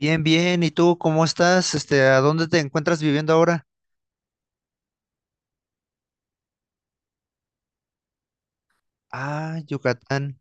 Bien, bien. ¿Y tú cómo estás? Este, ¿a dónde te encuentras viviendo ahora? Ah, Yucatán.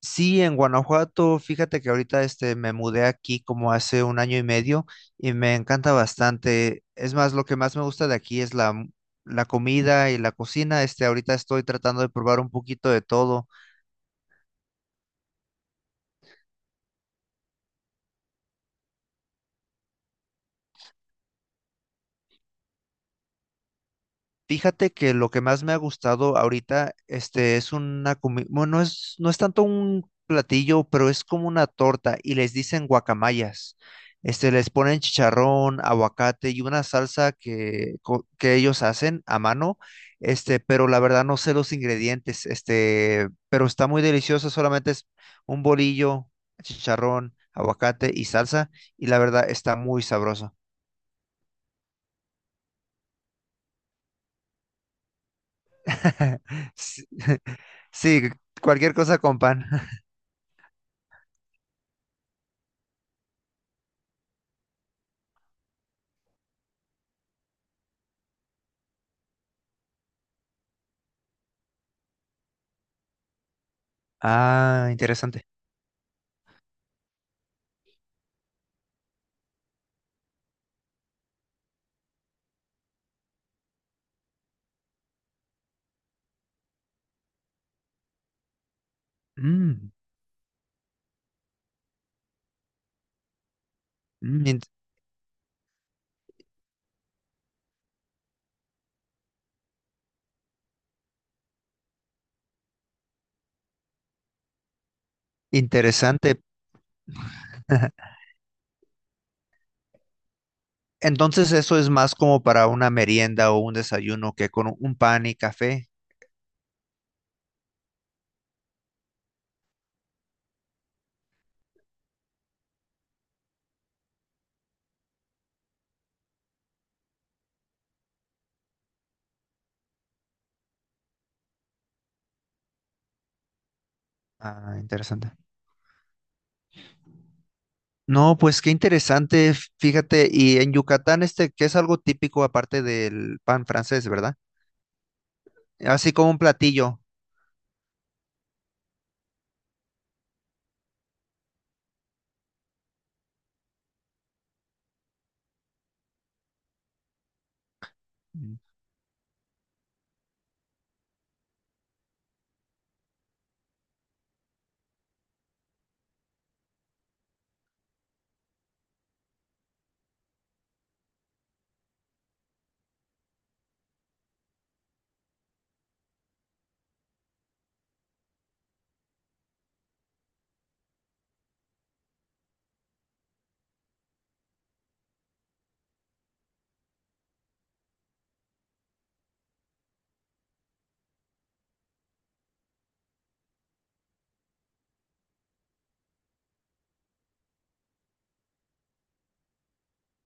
Sí, en Guanajuato. Fíjate que ahorita este me mudé aquí como hace un año y medio y me encanta bastante. Es más, lo que más me gusta de aquí es la comida y la cocina. Este, ahorita estoy tratando de probar un poquito de todo. Fíjate que lo que más me ha gustado ahorita, este, es una comida, bueno, no es tanto un platillo, pero es como una torta y les dicen guacamayas. Este, les ponen chicharrón, aguacate y una salsa que ellos hacen a mano, este, pero la verdad no sé los ingredientes. Este, pero está muy delicioso, solamente es un bolillo, chicharrón, aguacate y salsa, y la verdad está muy sabroso. Sí, sí, cualquier cosa con pan. Ah, interesante. Mm, mm. Interesante. Entonces eso es más como para una merienda o un desayuno que con un pan y café. Ah, interesante. No, pues qué interesante, fíjate, y en Yucatán este, que es algo típico aparte del pan francés, verdad? Así como un platillo.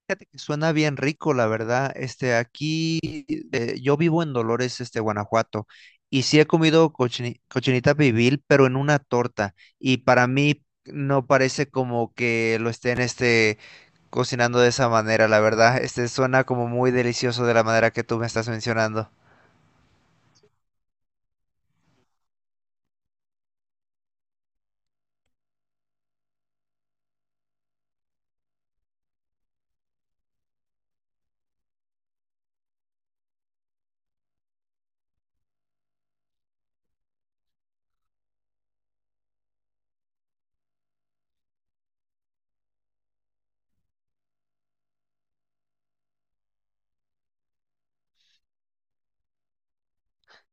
Fíjate que suena bien rico, la verdad. Este, aquí yo vivo en Dolores, este, Guanajuato, y sí he comido cochinita pibil, pero en una torta. Y para mí no parece como que lo estén, este, cocinando de esa manera, la verdad. Este, suena como muy delicioso de la manera que tú me estás mencionando.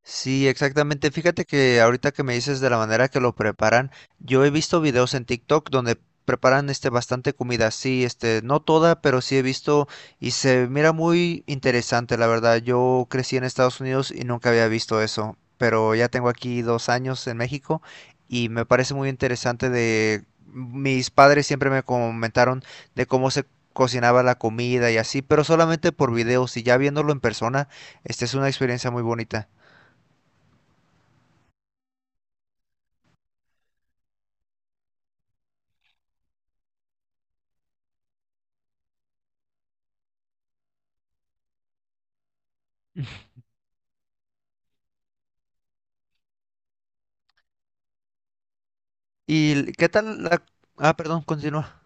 Sí, exactamente. Fíjate que ahorita que me dices de la manera que lo preparan, yo he visto videos en TikTok donde preparan este bastante comida, sí, este, no toda, pero sí he visto y se mira muy interesante, la verdad. Yo crecí en Estados Unidos y nunca había visto eso, pero ya tengo aquí 2 años en México y me parece muy interesante. De mis padres siempre me comentaron de cómo se cocinaba la comida y así, pero solamente por videos, y ya viéndolo en persona, esta es una experiencia muy bonita. ¿Y qué tal la? Ah, perdón, continúa.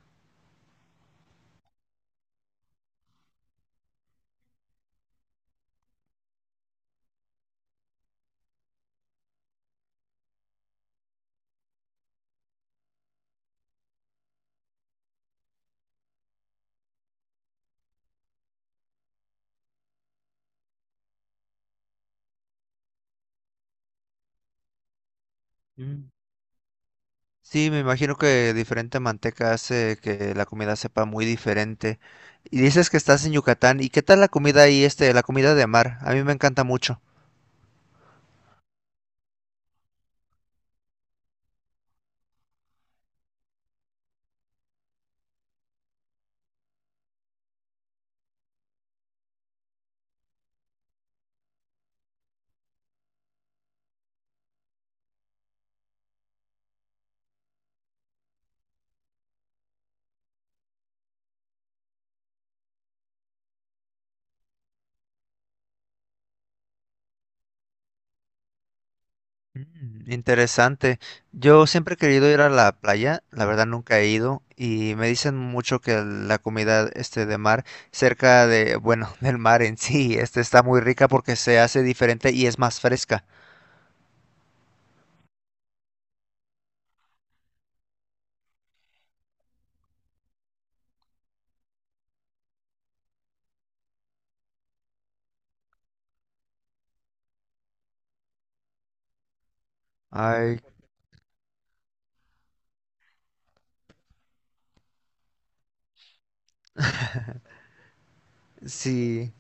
Mm. Sí, me imagino que diferente manteca hace que la comida sepa muy diferente. Y dices que estás en Yucatán. ¿Y qué tal la comida ahí, este, la comida de mar? A mí me encanta mucho. Mm. Interesante. Yo siempre he querido ir a la playa, la verdad nunca he ido y me dicen mucho que la comida este de mar cerca de, bueno, del mar en sí, este está muy rica porque se hace diferente y es más fresca. Ay, sí.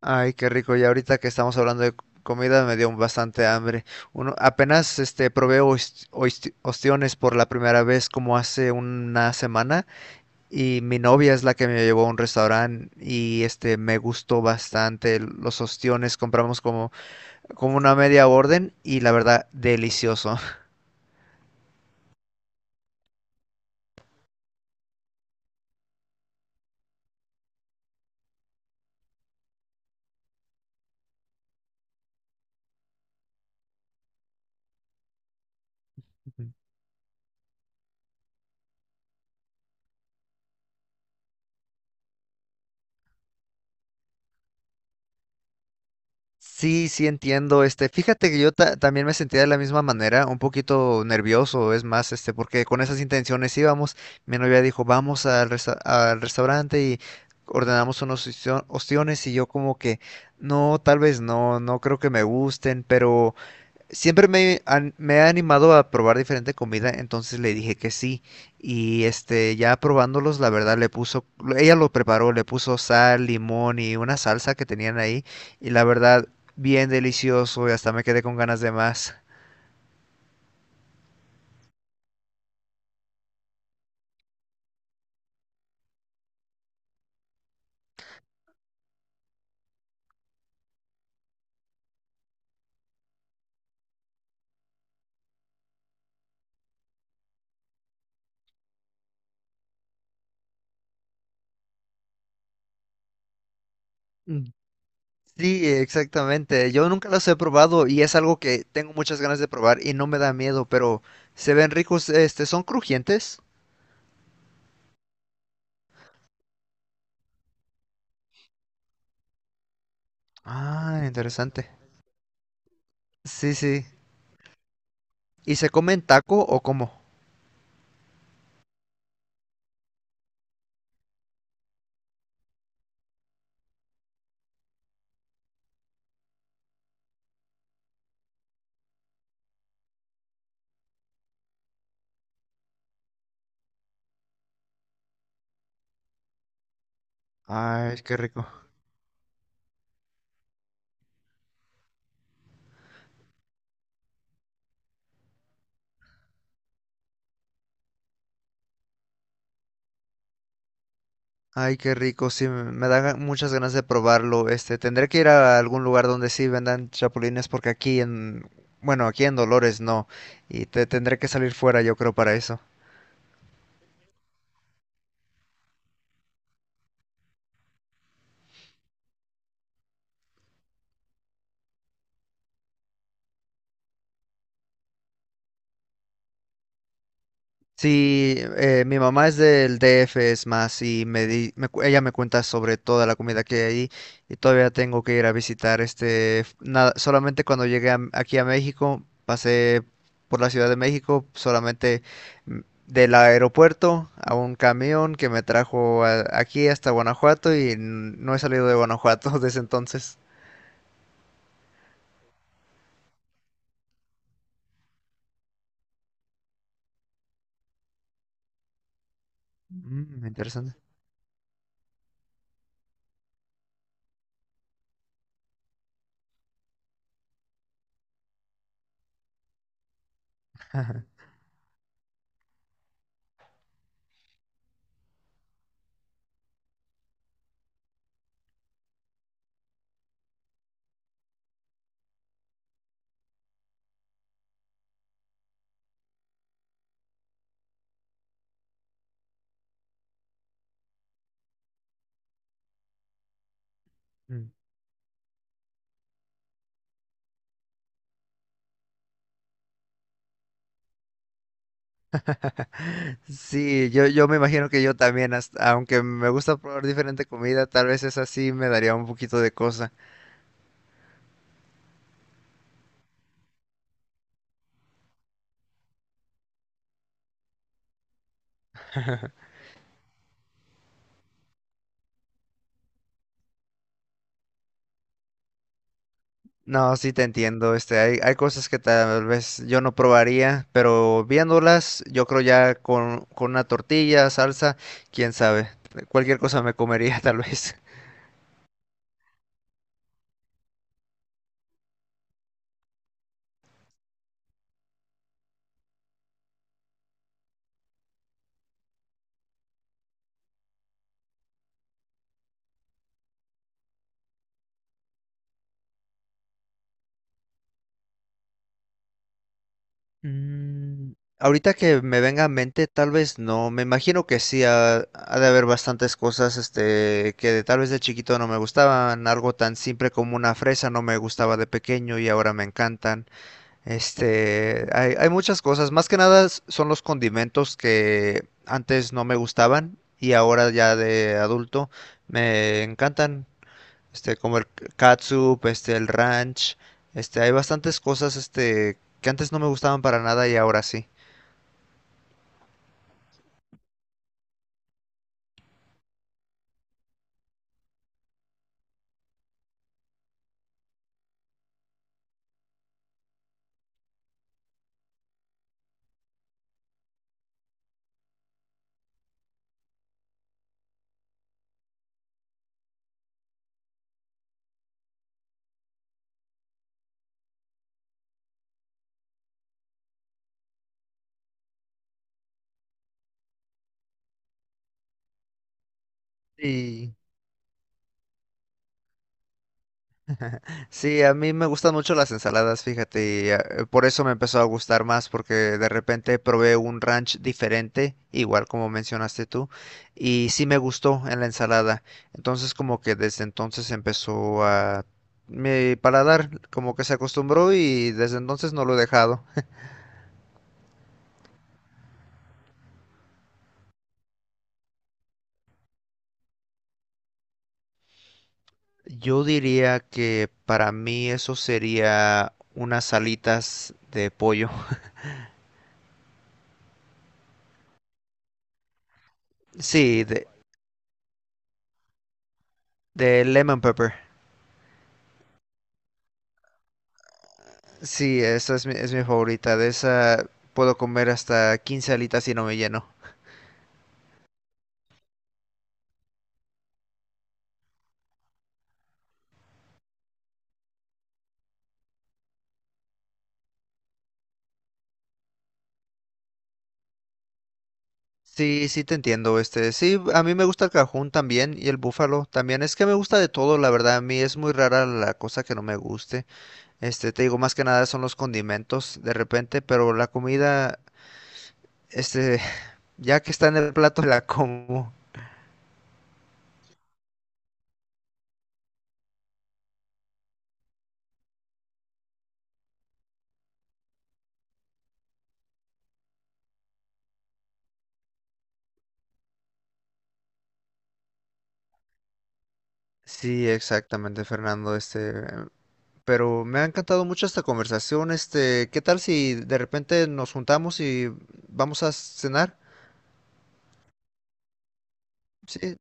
Ay, qué rico. Ya ahorita que estamos hablando de comida me dio bastante hambre. Uno, apenas este probé ostiones por la primera vez como hace una semana, y mi novia es la que me llevó a un restaurante y este me gustó bastante los ostiones. Compramos como una media orden y la verdad delicioso. Sí, sí entiendo, este, fíjate que yo también me sentía de la misma manera, un poquito nervioso, es más, este, porque con esas intenciones íbamos, mi novia dijo, vamos al restaurante y ordenamos unos ostiones y yo como que, no, tal vez no, no creo que me gusten, pero. Siempre me ha animado a probar diferente comida, entonces le dije que sí. Y este, ya probándolos, la verdad le puso, ella lo preparó, le puso sal, limón y una salsa que tenían ahí. Y la verdad, bien delicioso y hasta me quedé con ganas de más. Mm. Sí, exactamente. Yo nunca los he probado y es algo que tengo muchas ganas de probar y no me da miedo, pero se ven ricos, este, son crujientes. Ah, interesante. Sí, sí. ¿Y se comen taco o cómo? Ay, qué rico. Ay, qué rico, sí, me dan muchas ganas de probarlo. Este, tendré que ir a algún lugar donde sí vendan chapulines porque aquí en, bueno, aquí en Dolores no. Y te tendré que salir fuera, yo creo, para eso. Sí, mi mamá es del DF, es más, y me di- me cu- ella me cuenta sobre toda la comida que hay ahí, y todavía tengo que ir a visitar. Este, nada, solamente cuando llegué aquí a México, pasé por la Ciudad de México, solamente mm, del aeropuerto a un camión que me trajo aquí hasta Guanajuato, y no he salido de Guanajuato desde entonces. Mm, interesante. Sí, yo me imagino que yo también, aunque me gusta probar diferente comida, tal vez esa sí me daría un poquito de cosa. No, sí te entiendo, este, hay cosas que tal vez yo no probaría, pero viéndolas, yo creo ya con una tortilla, salsa, quién sabe, cualquier cosa me comería tal vez. Mm, Ahorita que me venga a mente, tal vez no. Me imagino que sí, ha de haber bastantes cosas, este, que tal vez de chiquito no me gustaban. Algo tan simple como una fresa no me gustaba de pequeño y ahora me encantan. Este, hay muchas cosas. Más que nada son los condimentos que antes no me gustaban y ahora ya de adulto me encantan este, como el catsup, este, el ranch, este, hay bastantes cosas, este, que antes no me gustaban para nada y ahora sí. Sí, sí, a mí me gustan mucho las ensaladas, fíjate, y por eso me empezó a gustar más, porque de repente probé un ranch diferente, igual como mencionaste tú, y sí me gustó en la ensalada. Entonces como que desde entonces empezó a, mi paladar como que se acostumbró y desde entonces no lo he dejado. Yo diría que para mí eso sería unas alitas de pollo. Sí, de lemon pepper. Sí, esa es mi favorita. De esa puedo comer hasta 15 alitas y no me lleno. Sí, sí te entiendo, este, sí, a mí me gusta el cajún también y el búfalo también, es que me gusta de todo, la verdad, a mí es muy rara la cosa que no me guste, este, te digo, más que nada son los condimentos de repente, pero la comida, este, ya que está en el plato la como. Sí, exactamente, Fernando, este, pero me ha encantado mucho esta conversación. Este, ¿qué tal si de repente nos juntamos y vamos a cenar? Sí,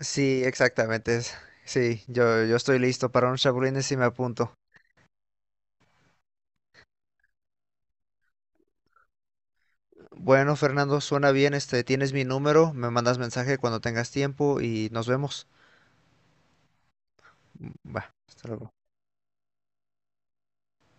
sí, exactamente, sí, yo estoy listo para unos chapulines y me apunto. Bueno, Fernando, suena bien, este, tienes mi número, me mandas mensaje cuando tengas tiempo y nos vemos. Mm, va, hasta luego.